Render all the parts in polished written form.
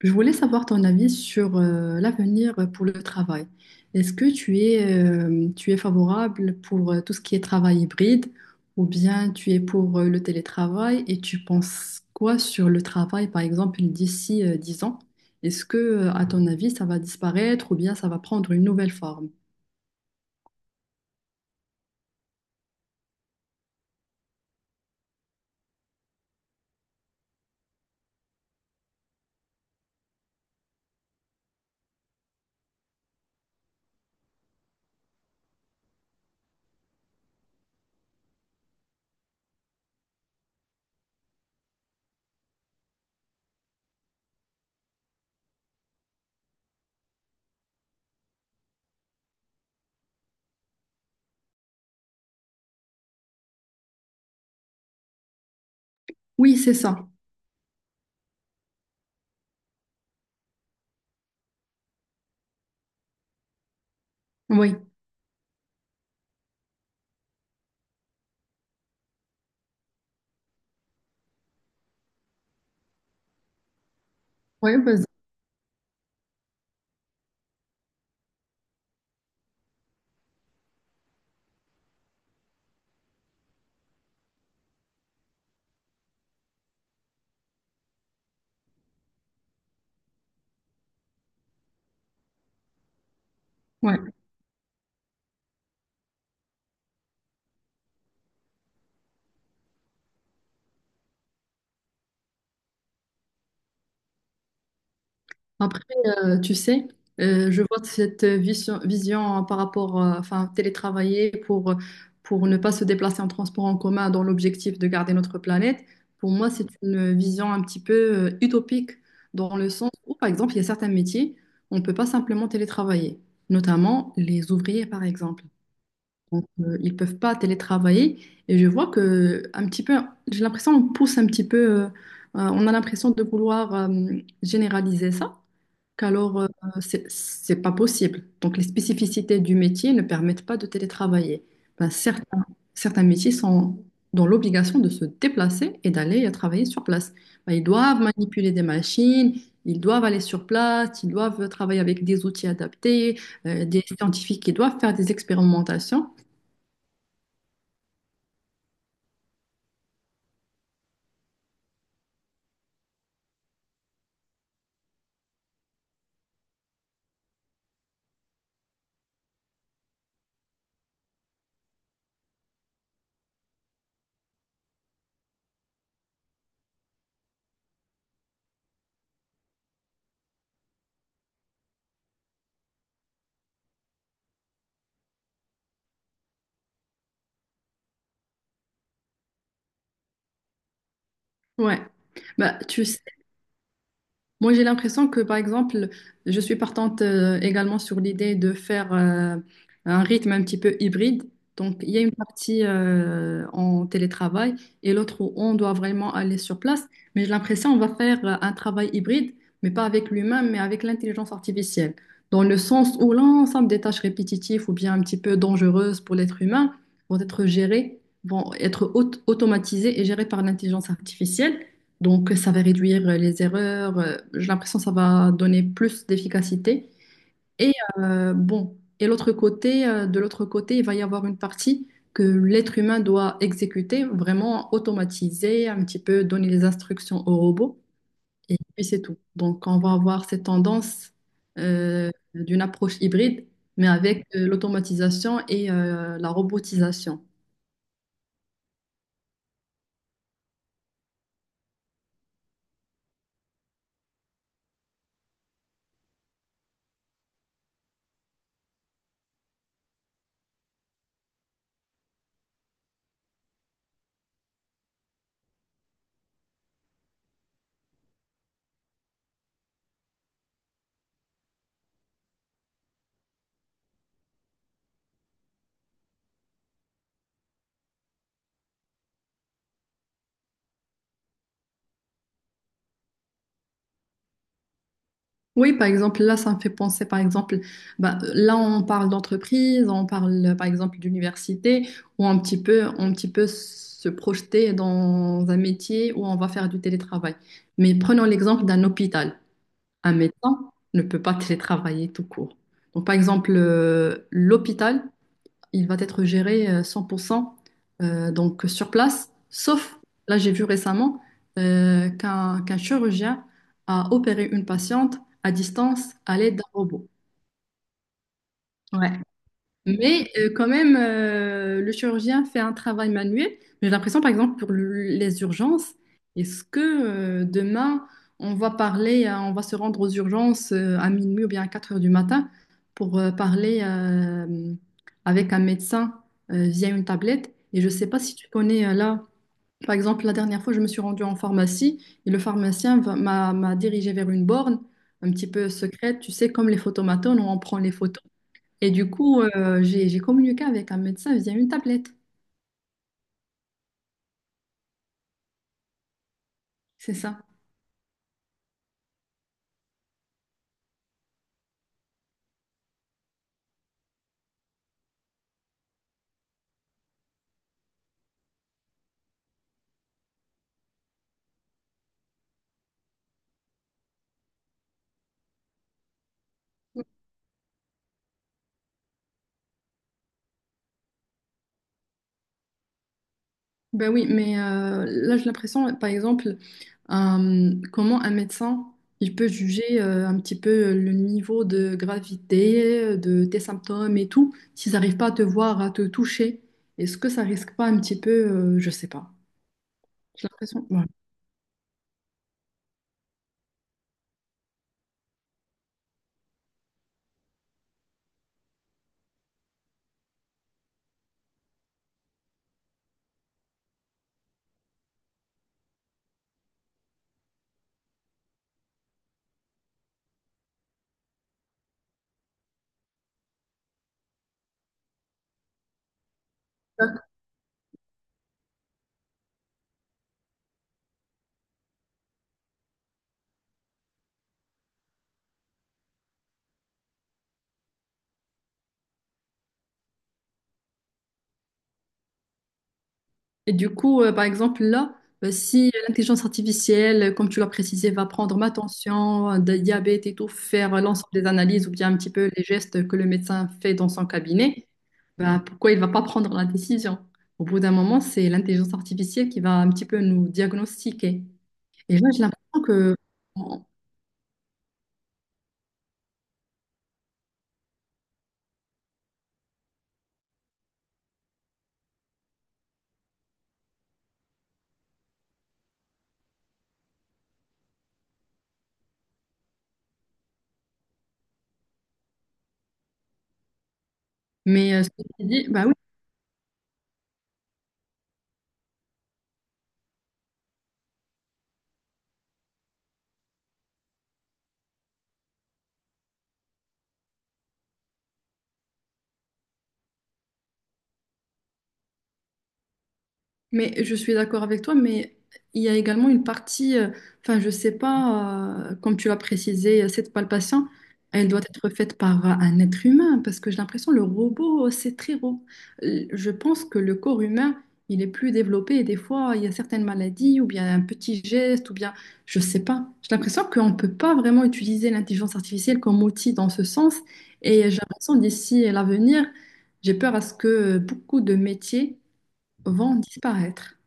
Je voulais savoir ton avis sur l'avenir pour le travail. Est-ce que tu es favorable pour tout ce qui est travail hybride ou bien tu es pour le télétravail, et tu penses quoi sur le travail, par exemple, d'ici 10 ans? Est-ce que, à ton avis, ça va disparaître ou bien ça va prendre une nouvelle forme? Oui, c'est ça. Oui. Oui, vas-y. Ouais. Après, tu sais, je vois cette vision par rapport, enfin, télétravailler pour ne pas se déplacer en transport en commun dans l'objectif de garder notre planète. Pour moi, c'est une vision un petit peu utopique, dans le sens où, par exemple, il y a certains métiers, on ne peut pas simplement télétravailler, notamment les ouvriers, par exemple. Donc, ils ne peuvent pas télétravailler, et je vois que un petit peu, j'ai l'impression qu'on pousse un petit peu, on a l'impression de vouloir généraliser ça qu'alors c'est pas possible. Donc les spécificités du métier ne permettent pas de télétravailler. Ben, certains, certains métiers sont dans l'obligation de se déplacer et d'aller travailler sur place. Ben, ils doivent manipuler des machines, ils doivent aller sur place, ils doivent travailler avec des outils adaptés, des scientifiques qui doivent faire des expérimentations. Ouais. Ben, tu sais, moi, j'ai l'impression que, par exemple, je suis partante également sur l'idée de faire un rythme un petit peu hybride. Donc, il y a une partie en télétravail et l'autre où on doit vraiment aller sur place. Mais j'ai l'impression qu'on va faire un travail hybride, mais pas avec l'humain, mais avec l'intelligence artificielle. Dans le sens où l'ensemble des tâches répétitives ou bien un petit peu dangereuses pour l'être humain vont être gérées, vont être automatisées et gérées par l'intelligence artificielle. Donc, ça va réduire les erreurs. J'ai l'impression que ça va donner plus d'efficacité. Et bon, et de l'autre côté, il va y avoir une partie que l'être humain doit exécuter, vraiment automatiser, un petit peu donner les instructions au robot. Et puis c'est tout. Donc, on va avoir cette tendance d'une approche hybride, mais avec l'automatisation et la robotisation. Oui, par exemple, là, ça me fait penser, par exemple, bah, là, on parle d'entreprise, on parle, par exemple, d'université, où un petit peu se projeter dans un métier où on va faire du télétravail. Mais prenons l'exemple d'un hôpital. Un médecin ne peut pas télétravailler tout court. Donc, par exemple, l'hôpital, il va être géré 100% donc sur place, sauf, là j'ai vu récemment, qu'un chirurgien a opéré une patiente à distance à l'aide d'un robot. Ouais. Mais quand même, le chirurgien fait un travail manuel. Mais j'ai l'impression, par exemple, pour les urgences, est-ce que demain, on va parler, on va se rendre aux urgences à minuit ou bien à 4 heures du matin pour parler avec un médecin via une tablette? Et je ne sais pas si tu connais là, par exemple, la dernière fois, je me suis rendue en pharmacie et le pharmacien m'a dirigée vers une borne un petit peu secrète, tu sais, comme les photomatones, où on prend les photos. Et du coup, j'ai communiqué avec un médecin via une tablette. C'est ça. Ben oui, mais là, j'ai l'impression, par exemple, comment un médecin, il peut juger un petit peu le niveau de gravité de tes symptômes et tout, s'ils n'arrivent pas à te voir, à te toucher. Est-ce que ça risque pas un petit peu, je sais pas. J'ai l'impression. Ouais. Et du coup, par exemple, là, si l'intelligence artificielle, comme tu l'as précisé, va prendre ma tension, de diabète et tout, faire l'ensemble des analyses ou bien un petit peu les gestes que le médecin fait dans son cabinet, ben, pourquoi il ne va pas prendre la décision? Au bout d'un moment, c'est l'intelligence artificielle qui va un petit peu nous diagnostiquer. Et là, j'ai l'impression que... Bon. Mais ce que tu dis, bah... Mais je suis d'accord avec toi, mais il y a également une partie, enfin, je sais pas, comme tu l'as précisé, cette palpation, elle doit être faite par un être humain, parce que j'ai l'impression le robot, c'est très robot. Je pense que le corps humain, il est plus développé, et des fois, il y a certaines maladies, ou bien un petit geste, ou bien, je sais pas. J'ai l'impression qu'on ne peut pas vraiment utiliser l'intelligence artificielle comme outil dans ce sens, et j'ai l'impression d'ici à l'avenir, j'ai peur à ce que beaucoup de métiers vont disparaître.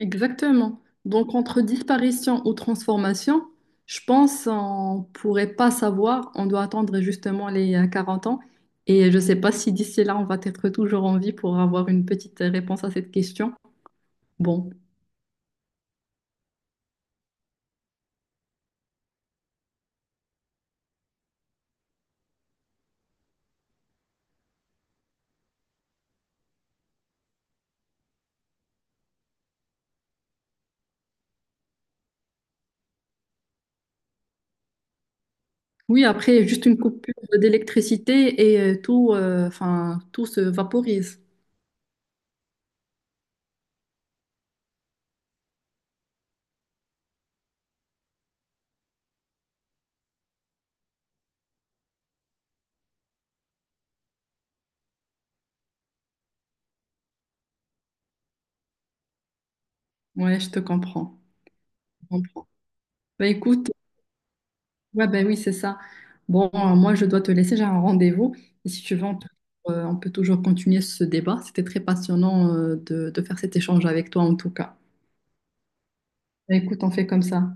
Exactement. Donc, entre disparition ou transformation, je pense qu'on pourrait pas savoir. On doit attendre justement les 40 ans. Et je ne sais pas si d'ici là, on va être toujours en vie pour avoir une petite réponse à cette question. Bon. Oui, après, juste une coupure d'électricité et tout, enfin, tout se vaporise. Ouais, je te comprends. Je comprends. Bah, écoute. Ouais, ben oui, c'est ça. Bon, moi, je dois te laisser, j'ai un rendez-vous. Et si tu veux, on peut toujours continuer ce débat. C'était très passionnant, de faire cet échange avec toi, en tout cas. Ben, écoute, on fait comme ça.